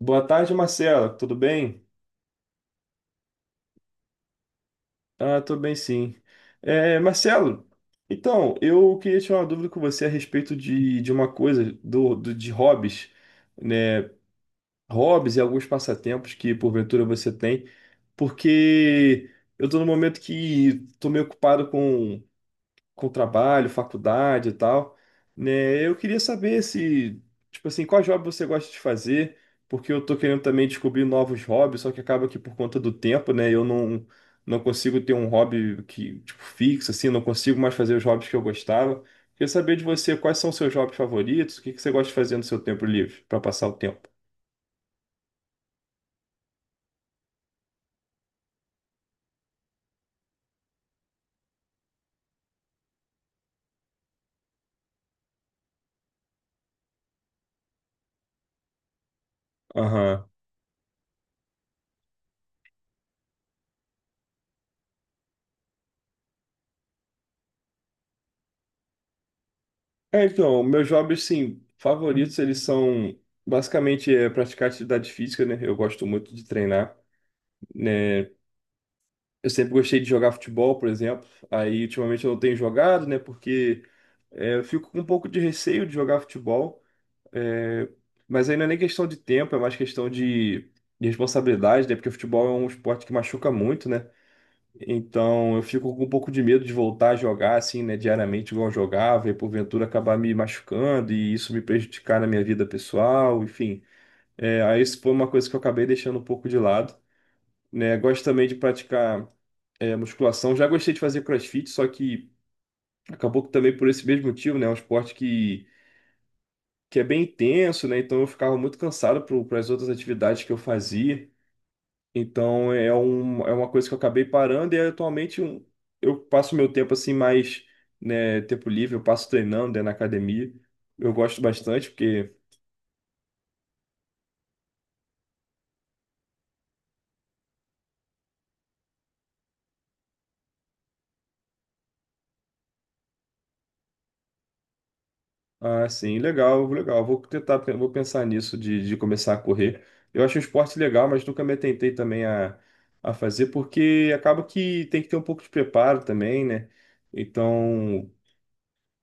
Boa tarde, Marcelo. Tudo bem? Tô bem, sim. Marcelo, eu queria tirar uma dúvida com você a respeito de uma coisa, de hobbies, né? Hobbies e alguns passatempos que, porventura, você tem, porque eu tô num momento que tô meio ocupado com trabalho, faculdade e tal, né? Eu queria saber se, tipo assim, qual hobby você gosta de fazer, porque eu tô querendo também descobrir novos hobbies, só que acaba que por conta do tempo, né, eu não consigo ter um hobby que, tipo, fixo assim, não consigo mais fazer os hobbies que eu gostava. Queria saber de você quais são os seus hobbies favoritos, o que que você gosta de fazer no seu tempo livre para passar o tempo. Aham. Meus hobbies, sim, favoritos, eles são basicamente praticar atividade física, né? Eu gosto muito de treinar, né? Eu sempre gostei de jogar futebol, por exemplo. Aí, ultimamente, eu não tenho jogado, né? Porque eu fico com um pouco de receio de jogar futebol. É, mas aí não é nem questão de tempo, é mais questão de responsabilidade, né? Porque o futebol é um esporte que machuca muito, né? Então, eu fico com um pouco de medo de voltar a jogar, assim, né? Diariamente, igual eu jogava, e porventura acabar me machucando e isso me prejudicar na minha vida pessoal, enfim. É, aí, isso foi uma coisa que eu acabei deixando um pouco de lado. Né? Gosto também de praticar musculação. Já gostei de fazer CrossFit, só que acabou que também por esse mesmo motivo, né? É um esporte que é bem intenso, né? Então eu ficava muito cansado para as outras atividades que eu fazia. Então é uma coisa que eu acabei parando e atualmente eu passo meu tempo assim mais, né, tempo livre, eu passo treinando, né, na academia. Eu gosto bastante porque Ah, sim, legal, legal. Vou pensar nisso de começar a correr. Eu acho o esporte legal, mas nunca me atentei também a fazer, porque acaba que tem que ter um pouco de preparo também, né? Então,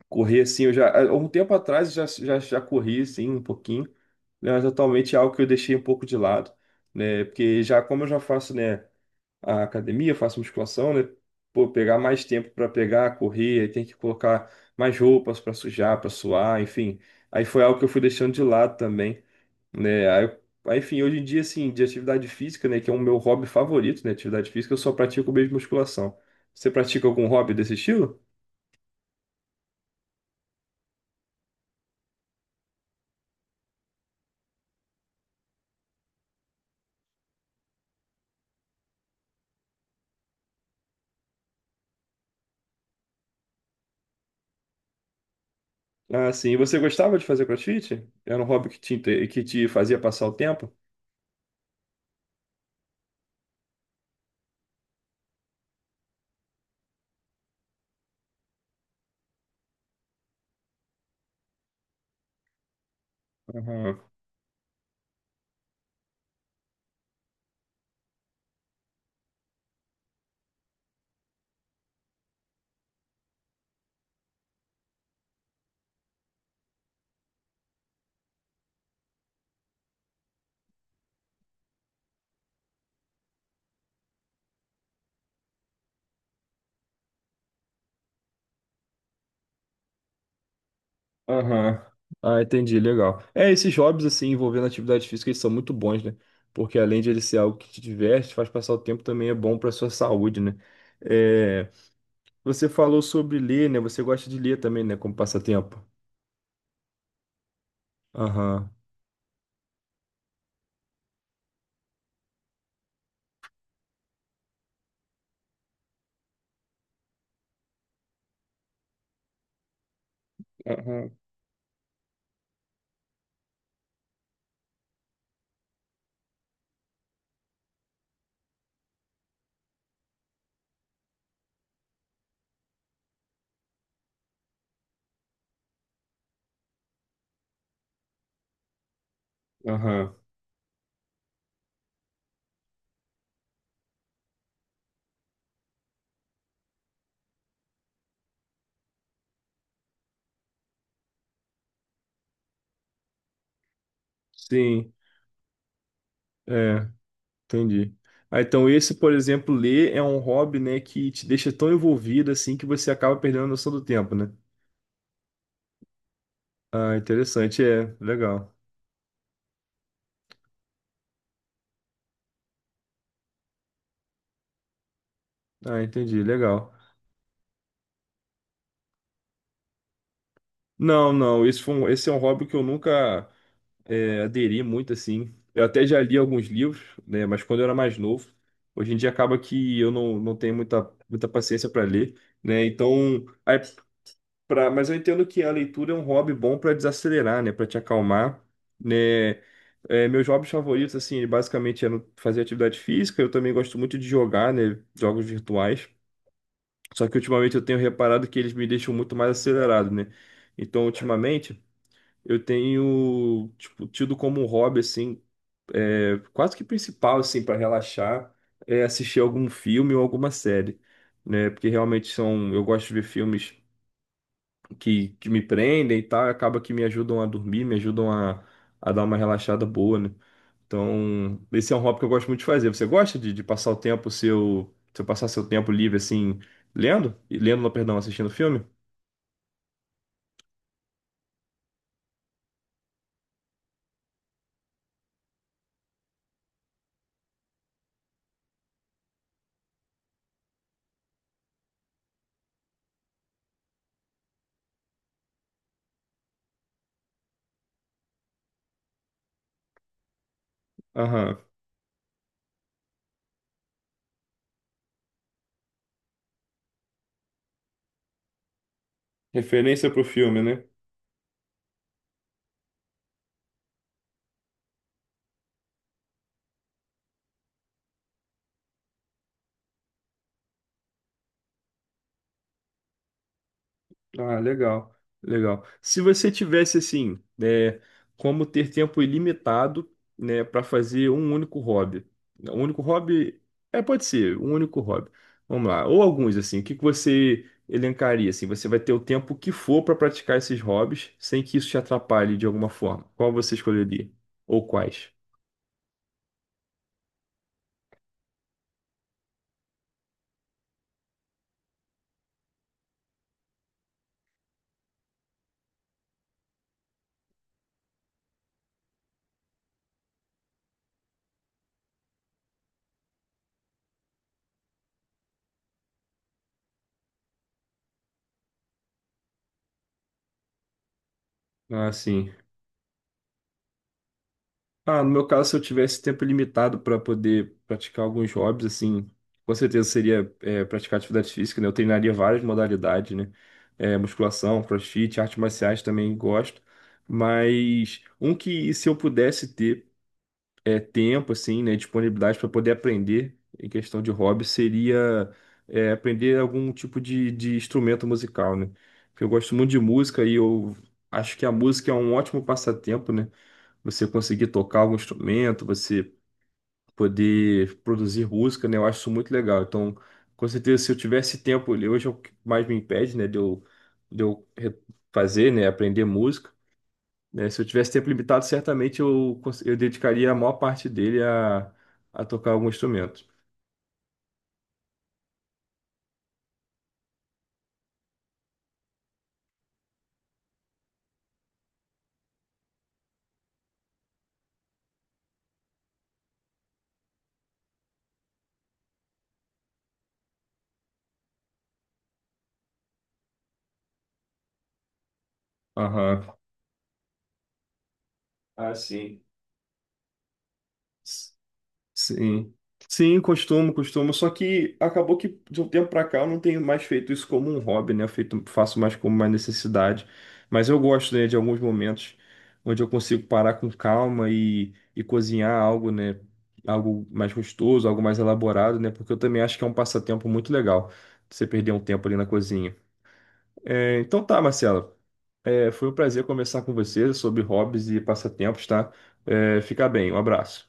correr assim, eu já, há um tempo atrás eu já corri assim um pouquinho, né? Mas atualmente é algo que eu deixei um pouco de lado, né? Porque já, como eu já faço, né? A academia, faço musculação, né? Pô, pegar mais tempo para pegar, correr, aí tem que colocar mais roupas para sujar, para suar, enfim. Aí foi algo que eu fui deixando de lado também, né? Aí, enfim, hoje em dia, assim, de atividade física, né, que é o meu hobby favorito, né? Atividade física, eu só pratico mesmo musculação. Você pratica algum hobby desse estilo? Ah, sim. E você gostava de fazer CrossFit? Era um hobby que te fazia passar o tempo? Aham. Aham. Ah, entendi, legal. É, esses hobbies, assim, envolvendo atividade física, eles são muito bons, né? Porque além de ele ser algo que te diverte, faz passar o tempo, também é bom para sua saúde, né? É, você falou sobre ler, né? Você gosta de ler também, né? Como passatempo. Aham, aham, aham. Sim, é, entendi. Ah, então esse, por exemplo, ler é um hobby, né, que te deixa tão envolvido, assim, que você acaba perdendo a noção do tempo, né? Ah, interessante, é, legal. Ah, entendi, legal. Não, não, esse foi um- Esse é um hobby que eu nunca aderi muito assim. Eu até já li alguns livros, né, mas quando eu era mais novo. Hoje em dia acaba que eu não tenho muita paciência para ler, né? Então, mas eu entendo que a leitura é um hobby bom para desacelerar, né, para te acalmar, né? É, meus hobbies favoritos assim, basicamente é fazer atividade física, eu também gosto muito de jogar, né, jogos virtuais. Só que ultimamente eu tenho reparado que eles me deixam muito mais acelerado, né? Então, ultimamente eu tenho, tipo, tido como um hobby, assim, quase que principal, assim, para relaxar, é assistir algum filme ou alguma série, né? Porque realmente são, eu gosto de ver filmes que me prendem e tal, e acaba que me ajudam a dormir, me ajudam a dar uma relaxada boa, né? Então, esse é um hobby que eu gosto muito de fazer. Você gosta de passar o tempo seu, seu passar seu tempo livre, assim, lendo? Lendo, não, perdão, assistindo filme? Aham. Referência pro filme, né? Ah, legal, legal. Se você tivesse assim, né, como ter tempo ilimitado, né, para fazer um único hobby, né, um único hobby, pode ser um único hobby. Vamos lá, ou alguns assim. O que que você elencaria assim? Você vai ter o tempo que for para praticar esses hobbies, sem que isso te atrapalhe de alguma forma. Qual você escolheria? Ou quais? Ah, sim. Ah, no meu caso, se eu tivesse tempo limitado para poder praticar alguns hobbies, assim, com certeza seria praticar atividade física, né? Eu treinaria várias modalidades, né? É, musculação, crossfit, artes marciais também gosto. Mas um que, se eu pudesse ter tempo, assim, né? Disponibilidade para poder aprender em questão de hobby, seria aprender algum tipo de instrumento musical, né? Porque eu gosto muito de música e eu acho que a música é um ótimo passatempo, né? Você conseguir tocar algum instrumento, você poder produzir música, né? Eu acho isso muito legal. Então, com certeza, se eu tivesse tempo, hoje é o que mais me impede, né, de eu re- fazer, né, aprender música, né? Se eu tivesse tempo limitado, certamente eu dedicaria a maior parte dele a tocar algum instrumento. Aham. Ah, sim. Sim. Sim, costumo, costumo. Só que acabou que de um tempo pra cá eu não tenho mais feito isso como um hobby, né? Faço mais como uma necessidade. Mas eu gosto, né, de alguns momentos onde eu consigo parar com calma e cozinhar algo, né? Algo mais gostoso, algo mais elaborado, né? Porque eu também acho que é um passatempo muito legal você perder um tempo ali na cozinha. É, então tá, Marcelo. É, foi um prazer conversar com você sobre hobbies e passatempos, tá? É, fica bem, um abraço.